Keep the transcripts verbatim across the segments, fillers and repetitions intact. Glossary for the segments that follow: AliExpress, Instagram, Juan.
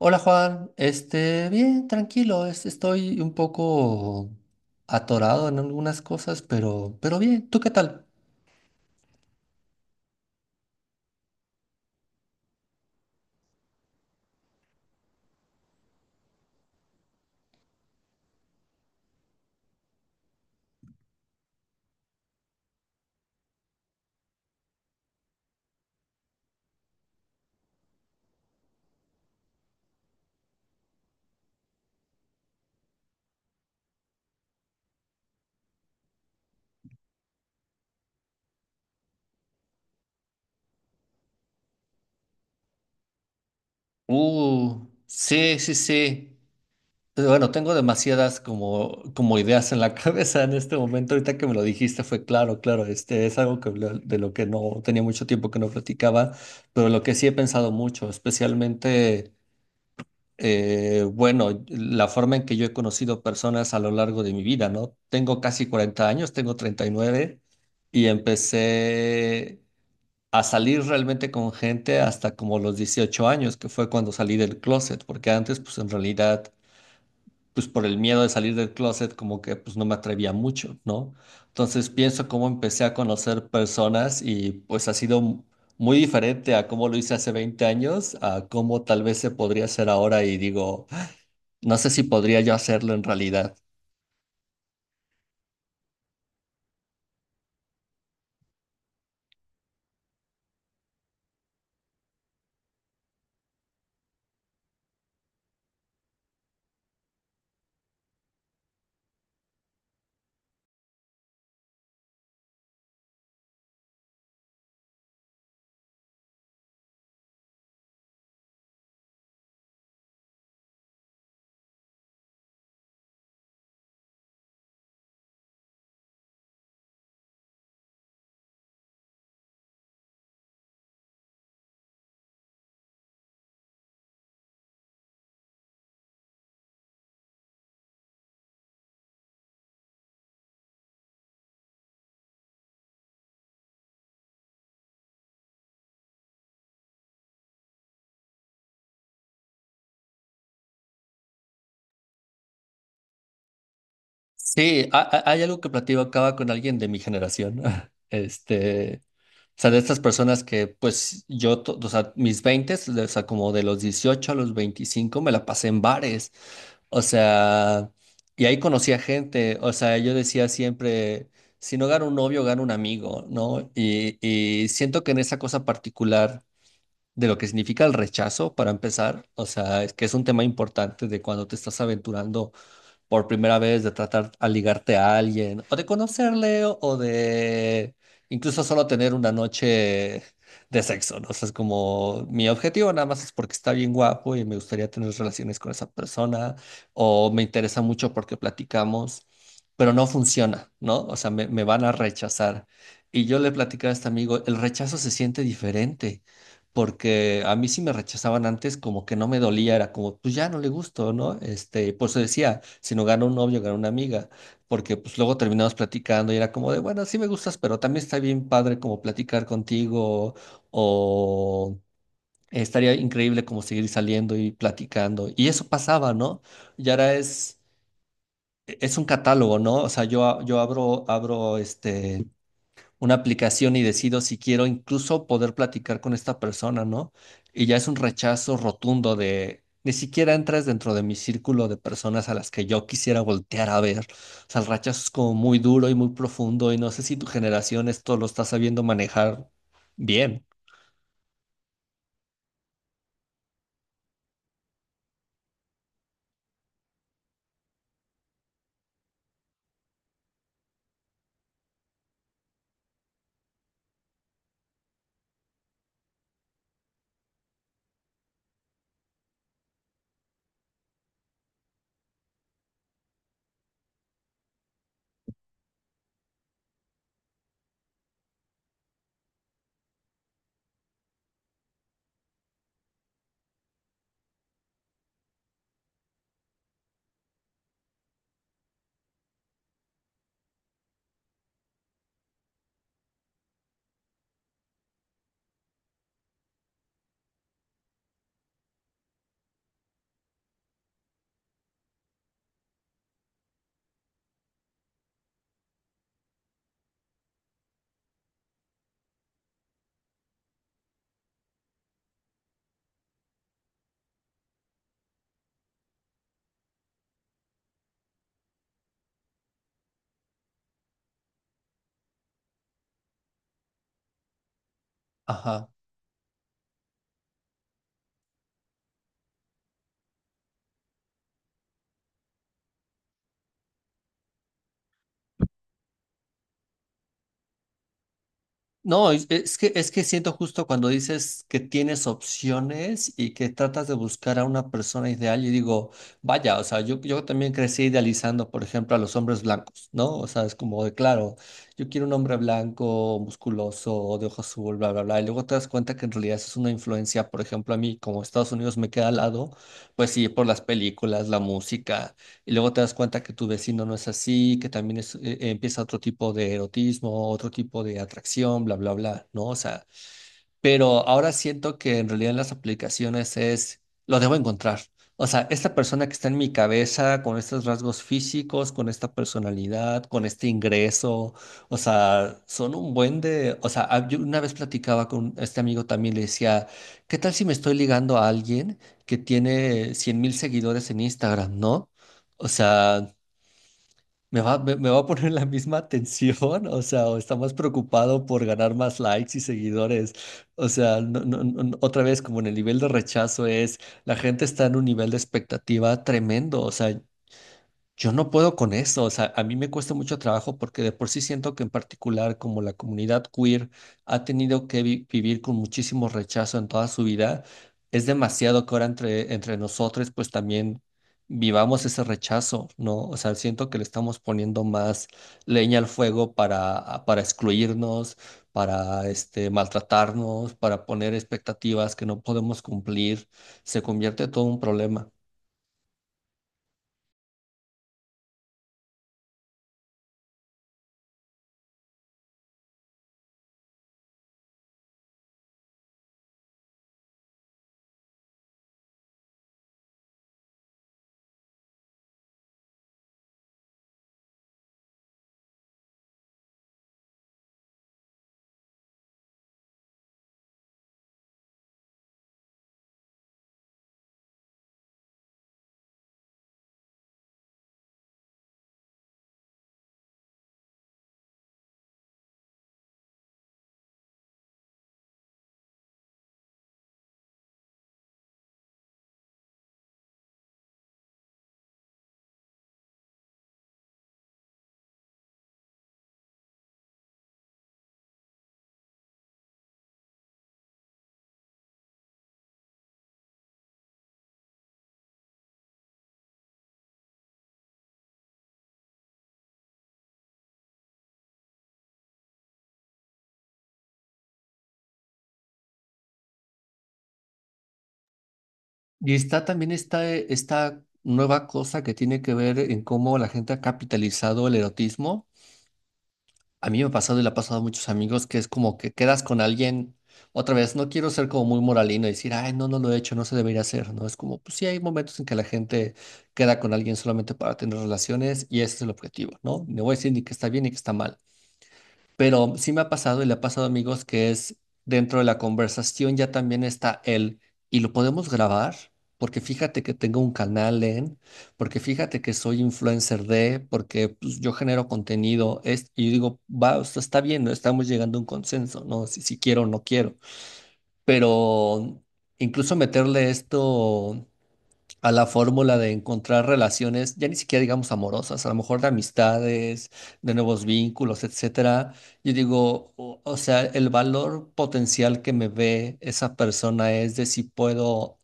Hola Juan, este, bien, tranquilo, es- estoy un poco atorado en algunas cosas, pero, pero bien, ¿tú qué tal? Uh, sí, sí, sí. Pero bueno, tengo demasiadas como, como ideas en la cabeza en este momento. Ahorita que me lo dijiste fue claro, claro, este es algo que, lo- de lo que no tenía mucho tiempo que no platicaba, pero lo que sí he pensado mucho, especialmente. Eh, bueno, la forma en que yo he conocido personas a lo largo de mi vida, ¿no? Tengo casi cuarenta años, tengo treinta y nueve y empecé a salir realmente con gente hasta como los dieciocho años, que fue cuando salí del closet, porque antes pues en realidad pues por el miedo de salir del closet como que pues no me atrevía mucho, ¿no? Entonces pienso cómo empecé a conocer personas y pues ha sido muy diferente a cómo lo hice hace veinte años, a cómo tal vez se podría hacer ahora y digo... No sé si podría yo hacerlo en realidad. Sí, ha- ha- hay algo que platicaba con alguien de mi generación. Este, o sea, de estas personas que, pues, yo, to- o sea, mis veinte, o sea, como de los dieciocho a los veinticinco me la pasé en bares. O sea, y ahí conocí a gente. O sea, yo decía siempre, si no gano un novio, gano un amigo, ¿no? Y, y siento que en esa cosa particular de lo que significa el rechazo, para empezar, o sea, es que es un tema importante de cuando te estás aventurando por primera vez, de tratar a ligarte a alguien, o de conocerle, o, o de incluso solo tener una noche de sexo, ¿no? O sea, es como mi objetivo nada más es porque está bien guapo y me gustaría tener relaciones con esa persona, o me interesa mucho porque platicamos, pero no funciona, ¿no? O sea, me, me van a rechazar. Y yo le platicaba a este amigo, el rechazo se siente diferente porque a mí sí me rechazaban antes, como que no me dolía, era como, pues ya no le gusto, ¿no? Este, por eso decía, si no gana un novio, gana una amiga, porque pues luego terminamos platicando y era como de, bueno, sí me gustas, pero también está bien padre como platicar contigo o estaría increíble como seguir saliendo y platicando. Y eso pasaba, ¿no? Y ahora es... e, Es un catálogo, ¿no? O sea, yo, a- yo abro, abro este, una aplicación y decido si quiero incluso poder platicar con esta persona, ¿no? Y ya es un rechazo rotundo de, ni siquiera entras dentro de mi círculo de personas a las que yo quisiera voltear a ver. O sea, el rechazo es como muy duro y muy profundo y no sé si tu generación esto lo está sabiendo manejar bien. Ajá. No, es, es que, es que siento justo cuando dices que tienes opciones y que tratas de buscar a una persona ideal, y digo, vaya, o sea, yo, yo también crecí idealizando, por ejemplo, a los hombres blancos, ¿no? O sea, es como de, claro, yo quiero un hombre blanco, musculoso, de ojo azul, bla, bla, bla, y luego te das cuenta que en realidad eso es una influencia, por ejemplo, a mí, como Estados Unidos me queda al lado, pues sí, por las películas, la música y luego te das cuenta que tu vecino no es así, que también es, eh, eh, empieza otro tipo de erotismo, otro tipo de atracción, bla, bla, bla, ¿no? O sea, pero ahora siento que en realidad en las aplicaciones es, lo debo encontrar. O sea, esta persona que está en mi cabeza, con estos rasgos físicos, con esta personalidad, con este ingreso, o sea, son un buen de... O sea, ah, yo una vez platicaba con este amigo también, le decía, ¿qué tal si me estoy ligando a alguien que tiene cien mil seguidores en Instagram, ¿no? O sea, ¿me va, me, me va a poner la misma atención? O sea, o está más preocupado por ganar más likes y seguidores. O sea, no- no- no- no- otra vez, como en el nivel de rechazo es, la gente está en un nivel de expectativa tremendo. O sea, yo no puedo con eso, o sea, a mí me cuesta mucho trabajo porque de por sí siento que en particular como la comunidad queer ha tenido que vi- vivir con muchísimo rechazo en toda su vida, es demasiado que ahora entre, entre nosotros pues también vivamos ese rechazo, ¿no? O sea, siento que le estamos poniendo más leña al fuego para, ah, para excluirnos, para este, maltratarnos, para poner expectativas que no podemos cumplir, se convierte todo un problema. Y está también esta, esta nueva cosa que tiene que ver en cómo la gente ha capitalizado el erotismo. A mí me ha pasado y le ha pasado a muchos amigos que es como que quedas con alguien, otra vez, no quiero ser como muy moralino y decir, ay, no, no lo he hecho, no se debería hacer, ¿no? Es como, pues sí, hay momentos en que la gente queda con alguien solamente para tener relaciones y ese es el objetivo, ¿no? No voy a decir ni que está bien ni que está mal. Pero sí me ha pasado y le ha pasado a amigos que es dentro de la conversación ya también está él y lo podemos grabar porque fíjate que tengo un canal en, porque fíjate que soy influencer de, porque pues, yo genero contenido es, y digo, va, o sea, está bien, ¿no? Estamos llegando a un consenso, ¿no? Si, si quiero o no quiero, pero incluso meterle esto a la fórmula de encontrar relaciones, ya ni siquiera digamos amorosas, a lo mejor de amistades, de nuevos vínculos, etcétera. Yo digo, o, o sea, el valor potencial que me ve esa persona es de si puedo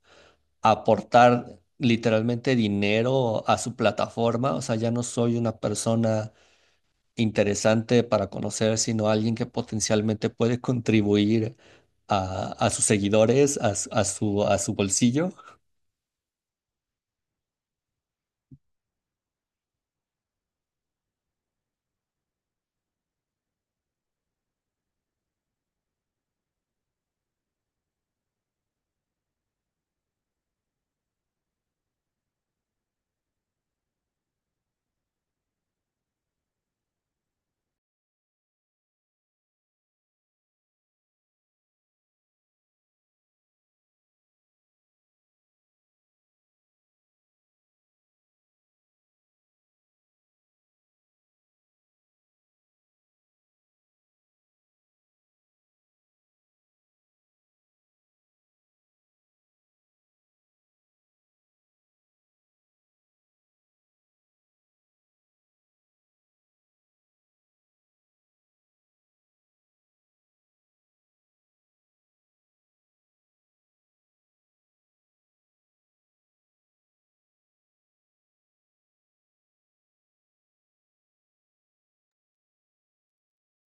aportar literalmente dinero a su plataforma, o sea, ya no soy una persona interesante para conocer, sino alguien que potencialmente puede contribuir a, a sus seguidores, a, su- a su, a su bolsillo.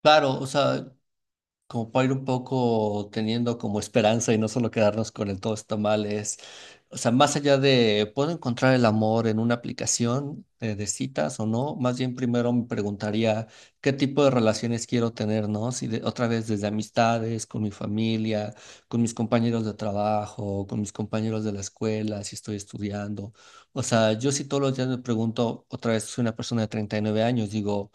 Claro, o sea, como para ir un poco teniendo como esperanza y no solo quedarnos con el todo está mal, es, o sea, más allá de, ¿puedo encontrar el amor en una aplicación eh, de, citas o no? Más bien primero me preguntaría qué tipo de relaciones quiero tener, ¿no? Si de- otra vez desde amistades, con mi familia, con mis compañeros de trabajo, con mis compañeros de la escuela, si estoy estudiando. O sea, yo sí todos los días me pregunto, otra vez soy una persona de treinta y nueve años, digo...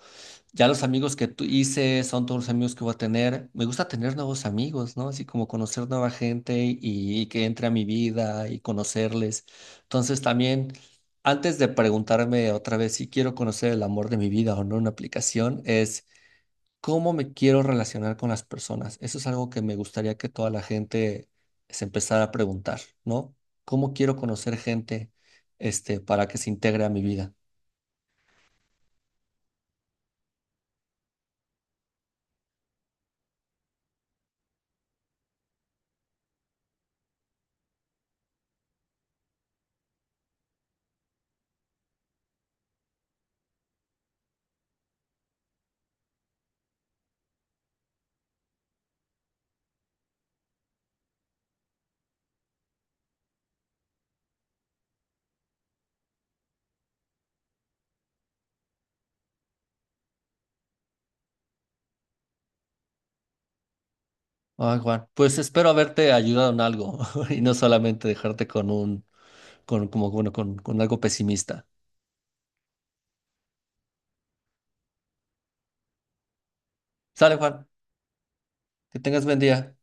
Ya los amigos que tú hice son todos los amigos que voy a tener. Me gusta tener nuevos amigos, ¿no? Así como conocer nueva gente y, y que entre a mi vida y conocerles. Entonces también, antes de preguntarme otra vez si quiero conocer el amor de mi vida o no en una aplicación, es cómo me quiero relacionar con las personas. Eso es algo que me gustaría que toda la gente se empezara a preguntar, ¿no? ¿Cómo quiero conocer gente, este, para que se integre a mi vida? Ay, Juan, pues espero haberte ayudado en algo y no solamente dejarte con un, con, como, bueno, con, con algo pesimista. Sale, Juan, que tengas buen día.